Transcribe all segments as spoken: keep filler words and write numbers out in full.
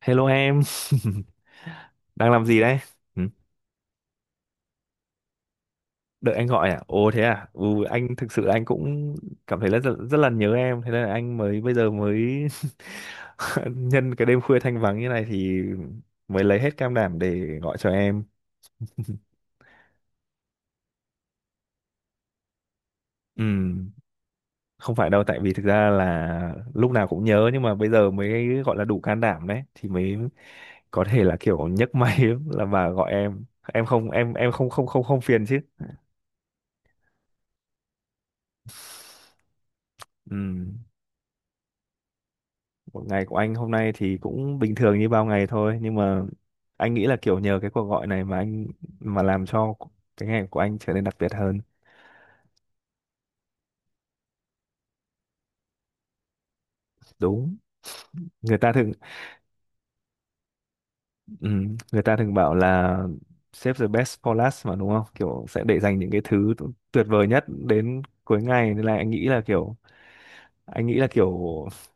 Hello em, đang làm gì đấy? Ừ. Đợi anh gọi à? Ồ thế à? Ừ, anh thực sự anh cũng cảm thấy là rất rất là nhớ em, thế nên là anh mới bây giờ mới nhân cái đêm khuya thanh vắng như này thì mới lấy hết can đảm để gọi cho em. Ừ, không phải đâu, tại vì thực ra là lúc nào cũng nhớ nhưng mà bây giờ mới gọi là đủ can đảm đấy, thì mới có thể là kiểu nhấc máy là mà gọi em. Em không em em không không không không phiền chứ? Ừ. Một ngày của anh hôm nay thì cũng bình thường như bao ngày thôi, nhưng mà anh nghĩ là kiểu nhờ cái cuộc gọi này mà anh mà làm cho cái ngày của anh trở nên đặc biệt hơn. Đúng. Người ta thường ừm, người ta thường bảo là save the best for last mà đúng không? Kiểu sẽ để dành những cái thứ tu- tuyệt vời nhất đến cuối ngày, nên là anh nghĩ là kiểu anh nghĩ là kiểu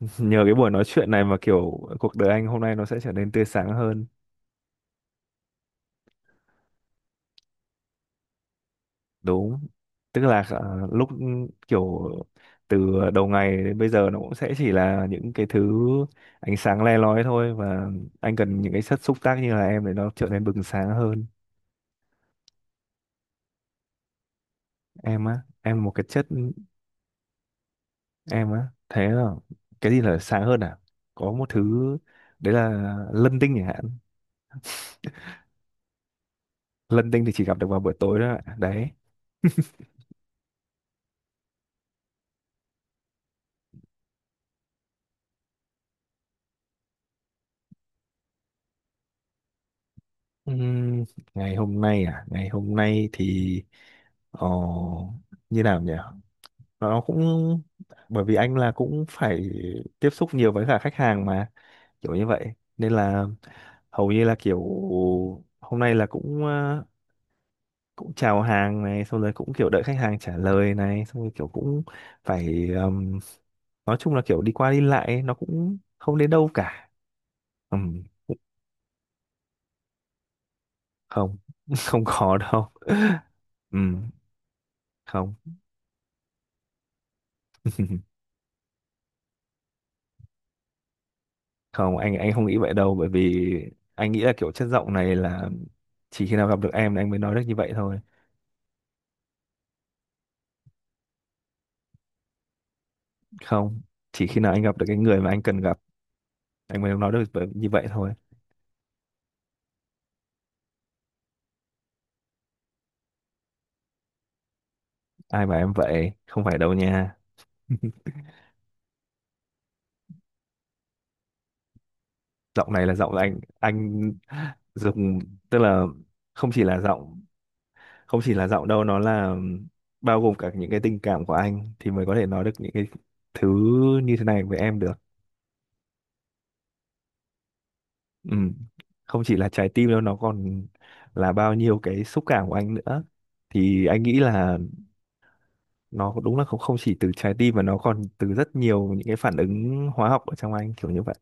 nhờ cái buổi nói chuyện này mà kiểu cuộc đời anh hôm nay nó sẽ trở nên tươi sáng hơn. Đúng, tức là ờ, lúc ừ, kiểu từ đầu ngày đến bây giờ nó cũng sẽ chỉ là những cái thứ ánh sáng le lói thôi, và anh cần những cái chất xúc tác như là em để nó trở nên bừng sáng hơn. Em á, em là một cái chất. Em á, thế là cái gì là sáng hơn à? Có một thứ đấy là lân tinh chẳng hạn. Lân tinh thì chỉ gặp được vào buổi tối thôi ạ. Đấy. Ừm, ngày hôm nay à ngày hôm nay thì ờ, như nào nhỉ, nó cũng bởi vì anh là cũng phải tiếp xúc nhiều với cả khách hàng mà kiểu như vậy, nên là hầu như là kiểu hôm nay là cũng ờ, cũng chào hàng này xong rồi cũng kiểu đợi khách hàng trả lời này xong rồi kiểu cũng phải ừm, nói chung là kiểu đi qua đi lại ấy, nó cũng không đến đâu cả. Ừm, cũng không. Không có đâu. Ừm, không. Không anh anh không nghĩ vậy đâu, bởi vì anh nghĩ là kiểu chất giọng này là chỉ khi nào gặp được em là anh mới nói được như vậy thôi. Không, chỉ khi nào anh gặp được cái người mà anh cần gặp anh mới nói được với- như vậy thôi. Ai mà em vậy, không phải đâu nha. Giọng này là giọng anh anh dùng, tức là không chỉ là giọng không chỉ là giọng đâu, nó là bao gồm cả những cái tình cảm của anh thì mới có thể nói được những cái thứ như thế này với em được. Ừ. Không chỉ là trái tim đâu, nó còn là bao nhiêu cái xúc cảm của anh nữa, thì anh nghĩ là nó đúng là không không chỉ từ trái tim mà nó còn từ rất nhiều những cái phản ứng hóa học ở trong anh, kiểu như vậy.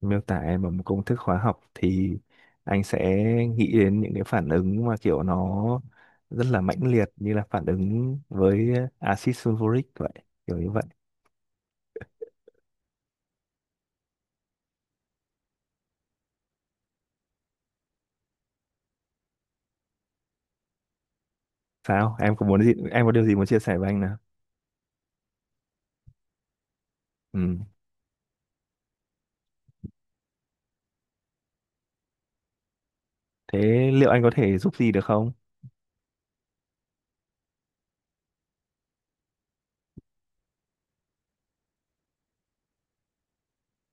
Miêu tả em bằng một công thức hóa học thì anh sẽ nghĩ đến những cái phản ứng mà kiểu nó rất là mãnh liệt, như là phản ứng với axit sulfuric vậy, kiểu như vậy. Sao em, có muốn gì, em có điều gì muốn chia sẻ với anh nào? Ừ. Thế liệu anh có thể giúp gì được không?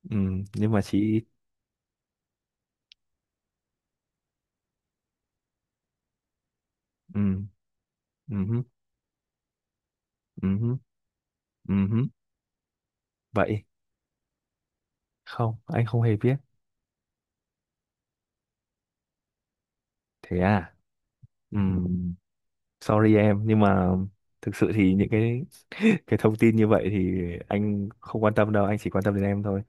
Ừ. Nhưng mà chị. Ừ. Ừ. Ừ. Ừ. Ừ. Vậy. Không, anh không hề biết. Thế à. Ừ. Sorry em, nhưng mà thực sự thì những cái cái thông tin như vậy thì anh không quan tâm đâu, anh chỉ quan tâm đến em thôi.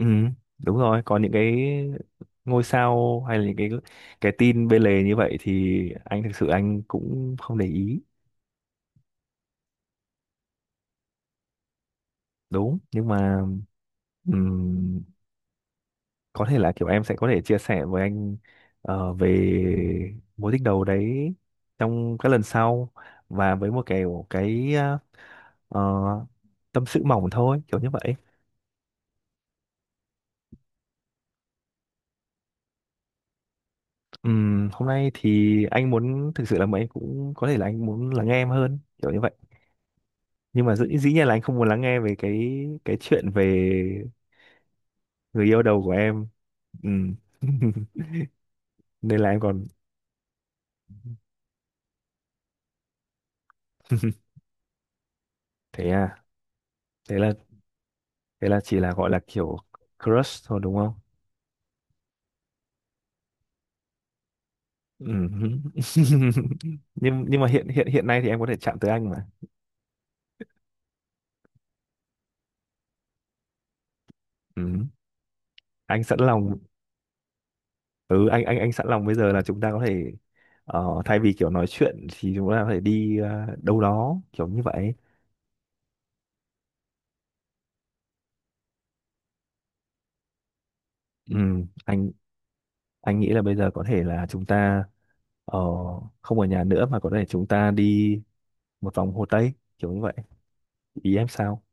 Ừ, đúng rồi, còn những cái ngôi sao hay là những cái cái tin bên lề như vậy thì anh thực sự anh cũng không để ý. Đúng, nhưng mà ừm, có thể là kiểu em sẽ có thể chia sẻ với anh ờ, về mối tình đầu đấy trong các lần sau, và với một kiểu cái ờ, ờ, tâm sự mỏng thôi, kiểu như vậy. Ừm, hôm nay thì anh muốn thực sự là mấy cũng có thể là anh muốn lắng nghe em hơn kiểu như vậy, nhưng mà dĩ, dĩ nhiên là anh không muốn lắng nghe về cái cái chuyện về người yêu đầu của em. Ừm. Nên là em còn. Thế à, thế là thế là chỉ là gọi là kiểu crush thôi đúng không? Ừm. nhưng nhưng mà hiện hiện hiện nay thì em có thể chạm tới anh mà. Ừm. Anh sẵn lòng. Ừ, anh anh anh sẵn lòng. Bây giờ là chúng ta có thể ờ, thay vì kiểu nói chuyện thì chúng ta có thể đi ờ, đâu đó, kiểu như vậy. Ừ, anh anh nghĩ là bây giờ có thể là chúng ta ờ, không ở nhà nữa, mà có thể chúng ta đi một vòng Hồ Tây, kiểu như vậy. Ý em sao?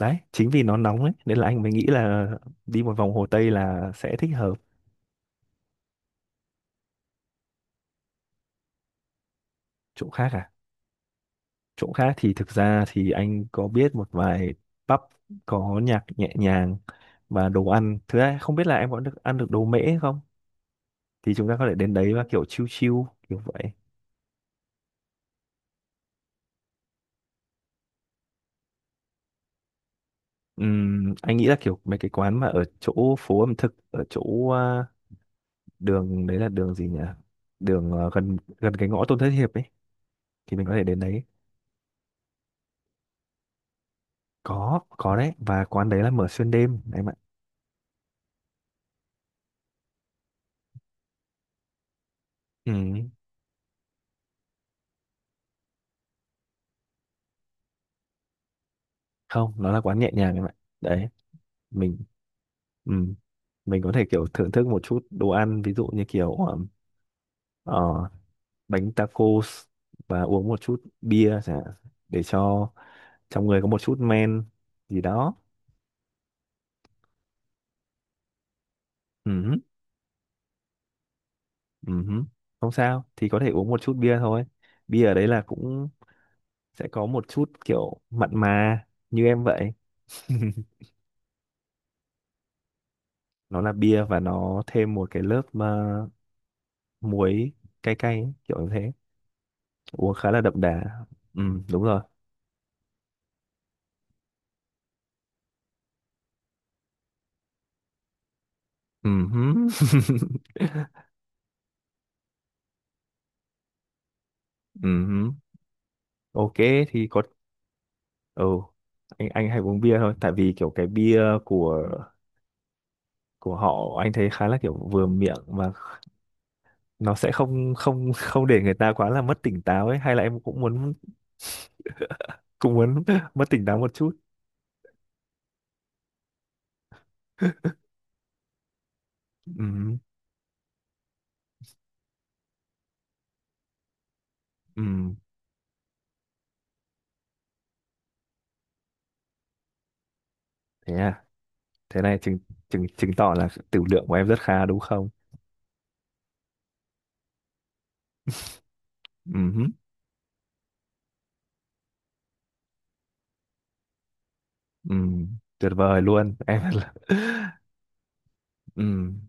Đấy, chính vì nó nóng ấy nên là anh mới nghĩ là đi một vòng Hồ Tây là sẽ thích hợp. Chỗ khác à? Chỗ khác thì thực ra thì anh có biết một vài pub có nhạc nhẹ nhàng và đồ ăn. Thứ hai, không biết là em có được ăn được đồ mễ không? Thì chúng ta có thể đến đấy và kiểu chill chill, kiểu vậy. Ừm, anh nghĩ là kiểu mấy cái quán mà ở chỗ phố ẩm thực, ở chỗ à, đường đấy là đường gì nhỉ? Đường à, gần gần cái ngõ Tôn Thất Hiệp ấy thì mình có thể đến đấy. Có, có đấy, và quán đấy là mở xuyên đêm em ạ. Ừm. Không, nó là quán nhẹ nhàng em ạ. Đấy, mình ừm, mình có thể kiểu thưởng thức một chút đồ ăn, ví dụ như kiểu ờm, ờ, bánh tacos và uống một chút bia chẳng hạn, để cho trong người có một chút men gì đó. Ừ. Ừ, không sao, thì có thể uống một chút bia thôi. Bia ở đấy là cũng sẽ có một chút kiểu mặn mà như em vậy. Nó là bia và nó thêm một cái lớp mà muối cay cay ấy, kiểu như thế. Uống khá là đậm đà. Ừ, đúng rồi. ừm ừm Ok, thì có. Ừ, anh anh hay uống bia thôi, tại vì kiểu cái bia của của họ anh thấy khá là kiểu vừa miệng, mà nó sẽ không không không để người ta quá là mất tỉnh táo ấy, hay là em cũng muốn cũng muốn mất tỉnh táo một chút. Ừm, ừm, Thế à? Thế này chứng chứng chứng tỏ là tửu lượng của em rất khá đúng không? Ừm, ừm, Tuyệt vời luôn em. là Ừm,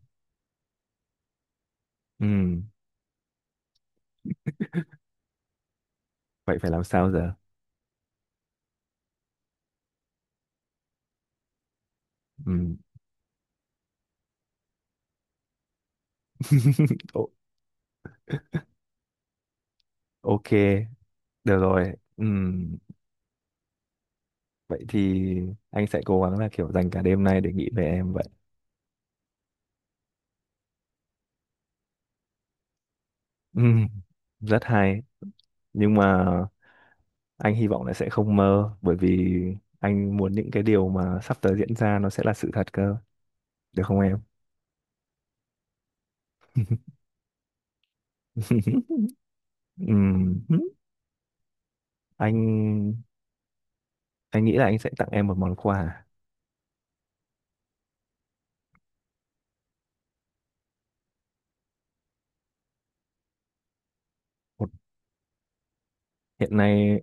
ừm, Vậy phải làm sao giờ? Ừm. O- ok, được rồi. Ừm, Vậy thì anh sẽ cố gắng là kiểu dành cả đêm nay để nghĩ về em vậy. Ừm, Rất hay, nhưng mà anh hy vọng là sẽ không mơ, bởi vì anh muốn những cái điều mà sắp tới diễn ra nó sẽ là sự thật cơ, được không em? Ừm, anh anh nghĩ là anh sẽ tặng em một món quà. một, hiện nay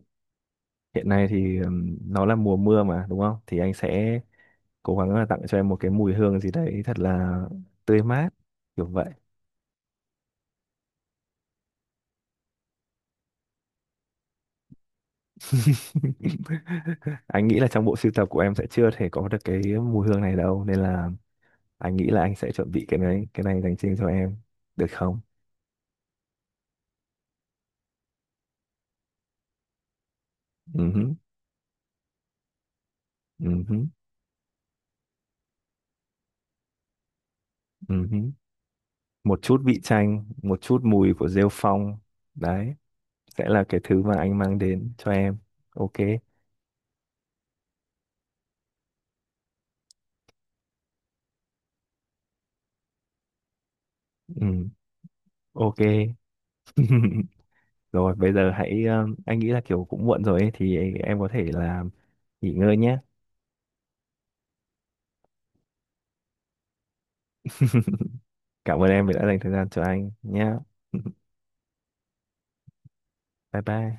hiện nay thì ừm, nó là mùa mưa mà đúng không, thì anh sẽ cố gắng là tặng cho em một cái mùi hương gì đấy thật là tươi mát, kiểu vậy. Anh nghĩ là trong bộ sưu tập của em sẽ chưa thể có được cái mùi hương này đâu, nên là anh nghĩ là anh sẽ chuẩn bị cái này cái này dành riêng cho em, được không? Ừ hứ, ừ hứ, ừ hứ. Một chút vị chanh, một chút mùi của rêu phong, đấy sẽ là cái thứ mà anh mang đến cho em. Ok. Ừ. Ok. Rồi, bây giờ hãy ờ, anh nghĩ là kiểu cũng muộn rồi ấy, thì em có thể là nghỉ ngơi nhé. Cảm ơn em vì đã dành thời gian cho anh nhé. Bye bye.